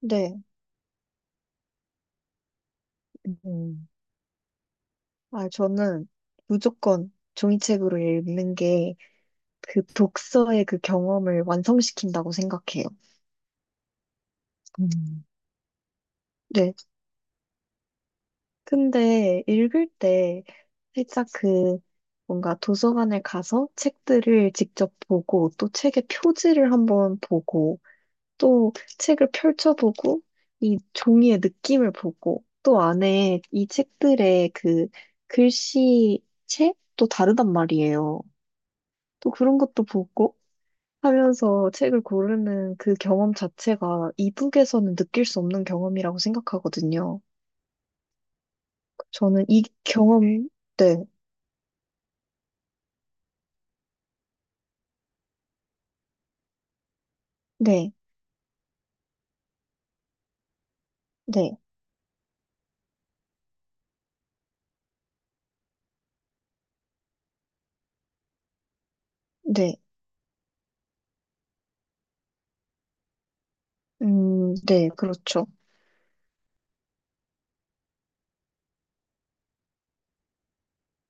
네. 음. 아, 저는 무조건 종이책으로 읽는 게 그 독서의 그 경험을 완성시킨다고 생각해요. 음. 네. 근데 읽을 때 살짝 그 뭔가 도서관에 가서 책들을 직접 보고 또 책의 표지를 한번 보고 또 책을 펼쳐보고 이 종이의 느낌을 보고 또 안에 이 책들의 그 글씨체 또 다르단 말이에요. 또 그런 것도 보고 하면서 책을 고르는 그 경험 자체가 이북에서는 느낄 수 없는 경험이라고 생각하거든요. 저는 이 경험, 네, 네, 네, 네, 네, 그렇죠.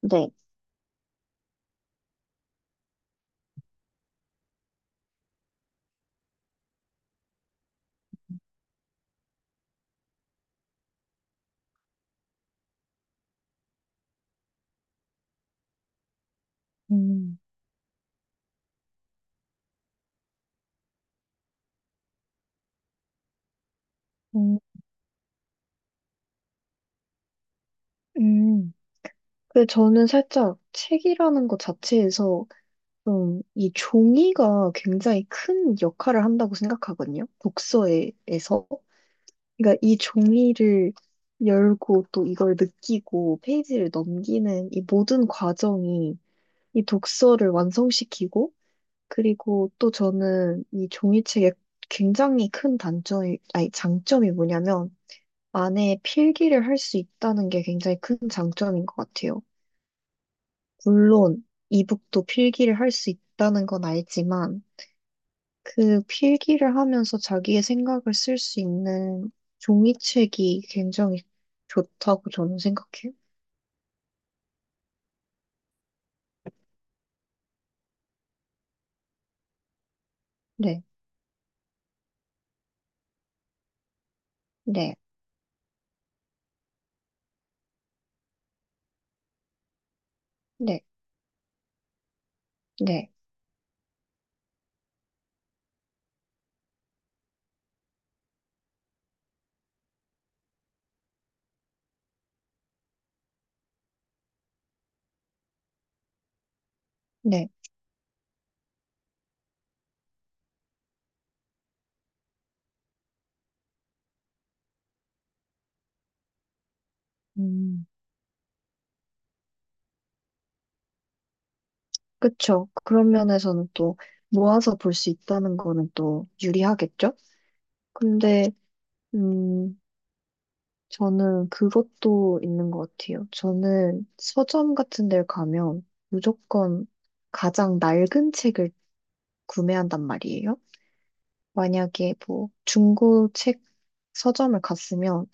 네, 음, 음, 음. 근데 저는 살짝 책이라는 것 자체에서 좀 이 종이가 굉장히 큰 역할을 한다고 생각하거든요. 독서에서. 그러니까 이 종이를 열고 또 이걸 느끼고 페이지를 넘기는 이 모든 과정이 이 독서를 완성시키고, 그리고 또 저는 이 종이책의 굉장히 큰 단점이, 아니 장점이 뭐냐면 안에 필기를 할 수 있다는 게 굉장히 큰 장점인 것 같아요. 물론 이북도 필기를 할 수 있다는 건 알지만 그 필기를 하면서 자기의 생각을 쓸 수 있는 종이책이 굉장히 좋다고 저는 생각해요. 네, 네, 네, 네, 네. 음, 그쵸. 그런 면에서는 또 모아서 볼 수 있다는 거는 또 유리하겠죠? 근데, 음, 저는 그것도 있는 것 같아요. 저는 서점 같은 데 가면 무조건 가장 낡은 책을 구매한단 말이에요. 만약에 뭐 중고 책 서점을 갔으면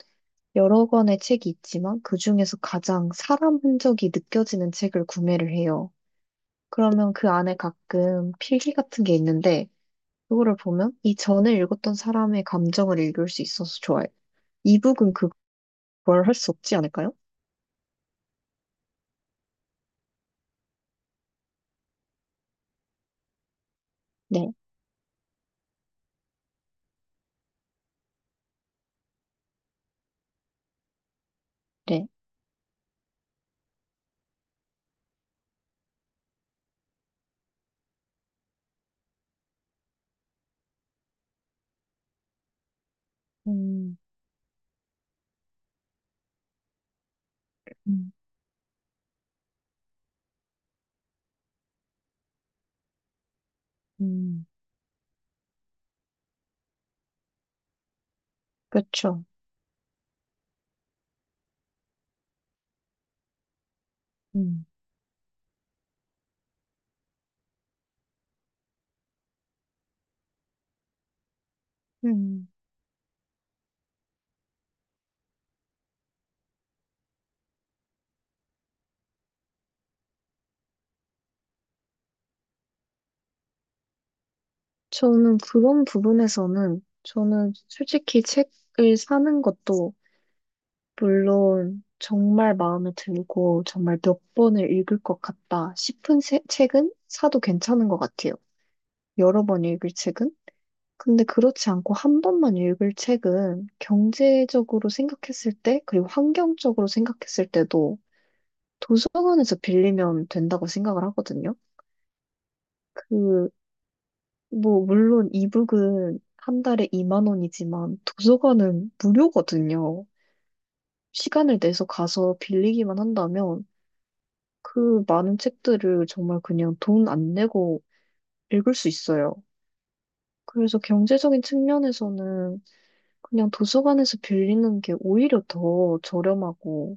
여러 권의 책이 있지만 그 중에서 가장 사람 흔적이 느껴지는 책을 구매를 해요. 그러면 그 안에 가끔 필기 같은 게 있는데 그거를 보면 이 전에 읽었던 사람의 감정을 읽을 수 있어서 좋아요. 이북은 그걸 할 수 없지 않을까요? 네, 네. 음, 음, 음, 그렇죠. 음. 음, 저는 그런 부분에서는 저는 솔직히 책을 사는 것도 물론 정말 마음에 들고 정말 몇 번을 읽을 것 같다 싶은 책은 사도 괜찮은 것 같아요. 여러 번 읽을 책은? 근데 그렇지 않고 한 번만 읽을 책은 경제적으로 생각했을 때, 그리고 환경적으로 생각했을 때도 도서관에서 빌리면 된다고 생각을 하거든요. 그, 뭐, 물론 이북은 한 달에 2만 원이지만 도서관은 무료거든요. 시간을 내서 가서 빌리기만 한다면 그 많은 책들을 정말 그냥 돈 안 내고 읽을 수 있어요. 그래서 경제적인 측면에서는 그냥 도서관에서 빌리는 게 오히려 더 저렴하고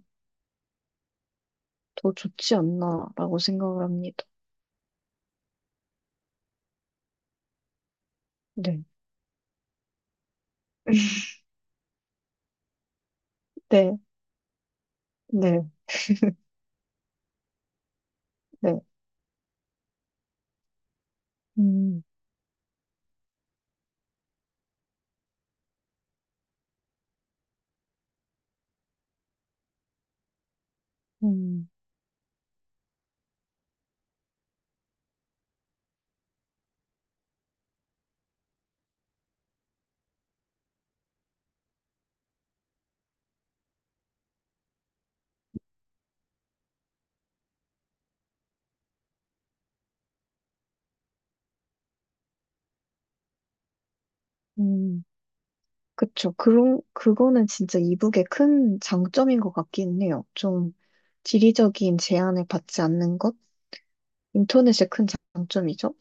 더 좋지 않나라고 생각을 합니다. 네, 네, 네, 네. 음, 음, 음. 그쵸. 그런, 그거는 진짜 이북의 큰 장점인 것 같긴 해요. 좀 지리적인 제한을 받지 않는 것? 인터넷의 큰 장점이죠.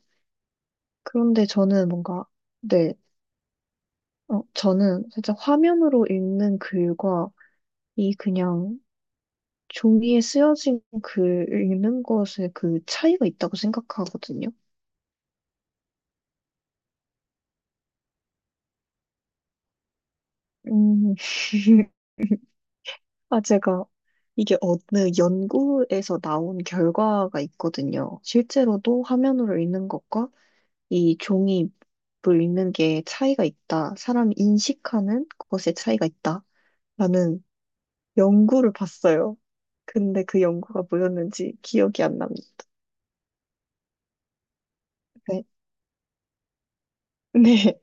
그런데 저는 뭔가, 네. 어, 저는 살짝 화면으로 읽는 글과 이 그냥 종이에 쓰여진 글 읽는 것의 그 차이가 있다고 생각하거든요. 음, 아, 제가 이게 어느 연구에서 나온 결과가 있거든요. 실제로도 화면으로 읽는 것과 이 종이로 읽는 게 차이가 있다. 사람이 인식하는 것의 차이가 있다. 라는 연구를 봤어요. 근데 그 연구가 뭐였는지 기억이 안 납니다. 네. 네.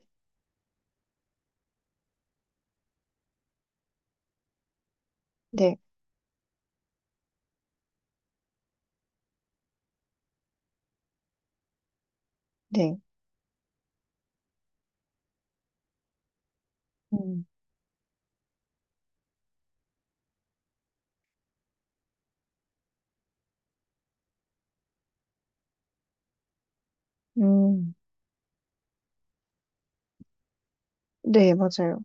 네. 네. 음, 음, 네, 맞아요.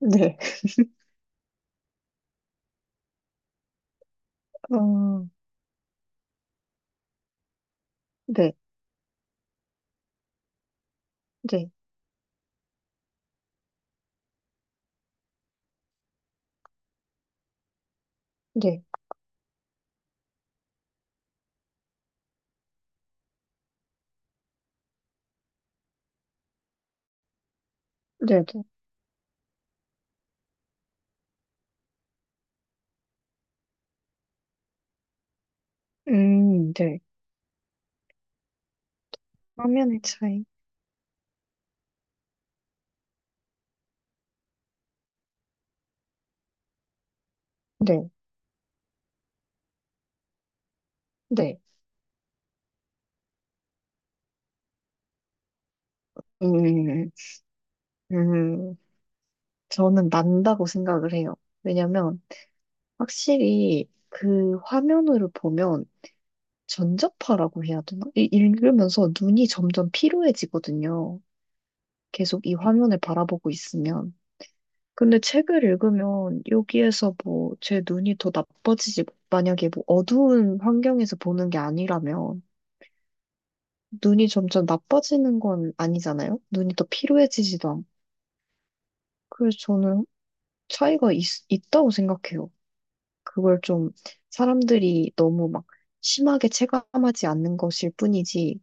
네. 어, 네, 네, 네, 네, 네. 네. 화면의 차이. 네, 네. 음, 음, 저는 난다고 생각을 해요. 왜냐면, 확실히 그 화면으로 보면 전자파라고 해야 되나? 읽으면서 눈이 점점 피로해지거든요. 계속 이 화면을 바라보고 있으면. 근데 책을 읽으면 여기에서 뭐 제 눈이 더 나빠지지, 만약에 뭐 어두운 환경에서 보는 게 아니라면 눈이 점점 나빠지는 건 아니잖아요? 눈이 더 피로해지지도 않고. 그래서 저는 차이가 있, 있다고 생각해요. 그걸 좀 사람들이 너무 막 심하게 체감하지 않는 것일 뿐이지,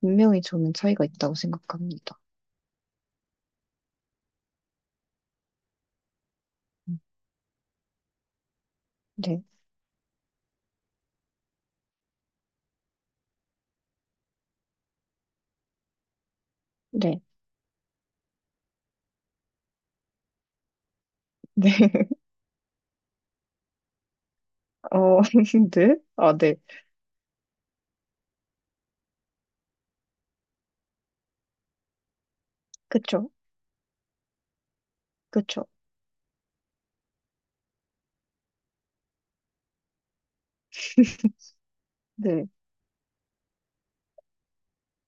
분명히 저는 차이가 있다고 생각합니다. 음, 네, 네, 네. 어, 네. 아, 네. 그쵸, 그쵸. 네.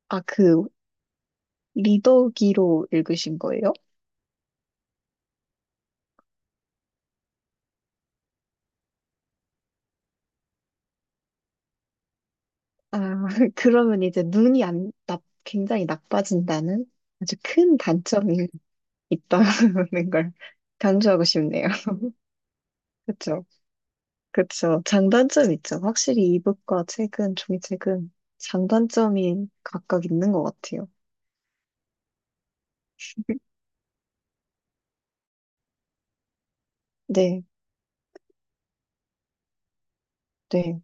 아, 그, 리더기로 읽으신 거예요? 아, 그러면 이제 눈이 안, 나, 굉장히 나빠진다는 아주 큰 단점이 있다는 걸 강조하고 싶네요. 그쵸? 그쵸. 장단점 있죠. 확실히 이북과 책은, 종이책은 장단점이 각각 있는 것 같아요. 네, 네,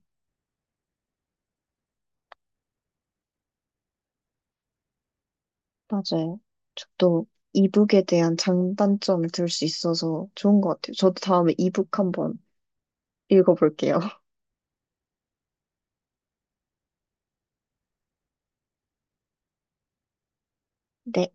맞아요. 저도 이북에 대한 장단점을 들 수 있어서 좋은 것 같아요. 저도 다음에 이북 한번 읽어볼게요. 네.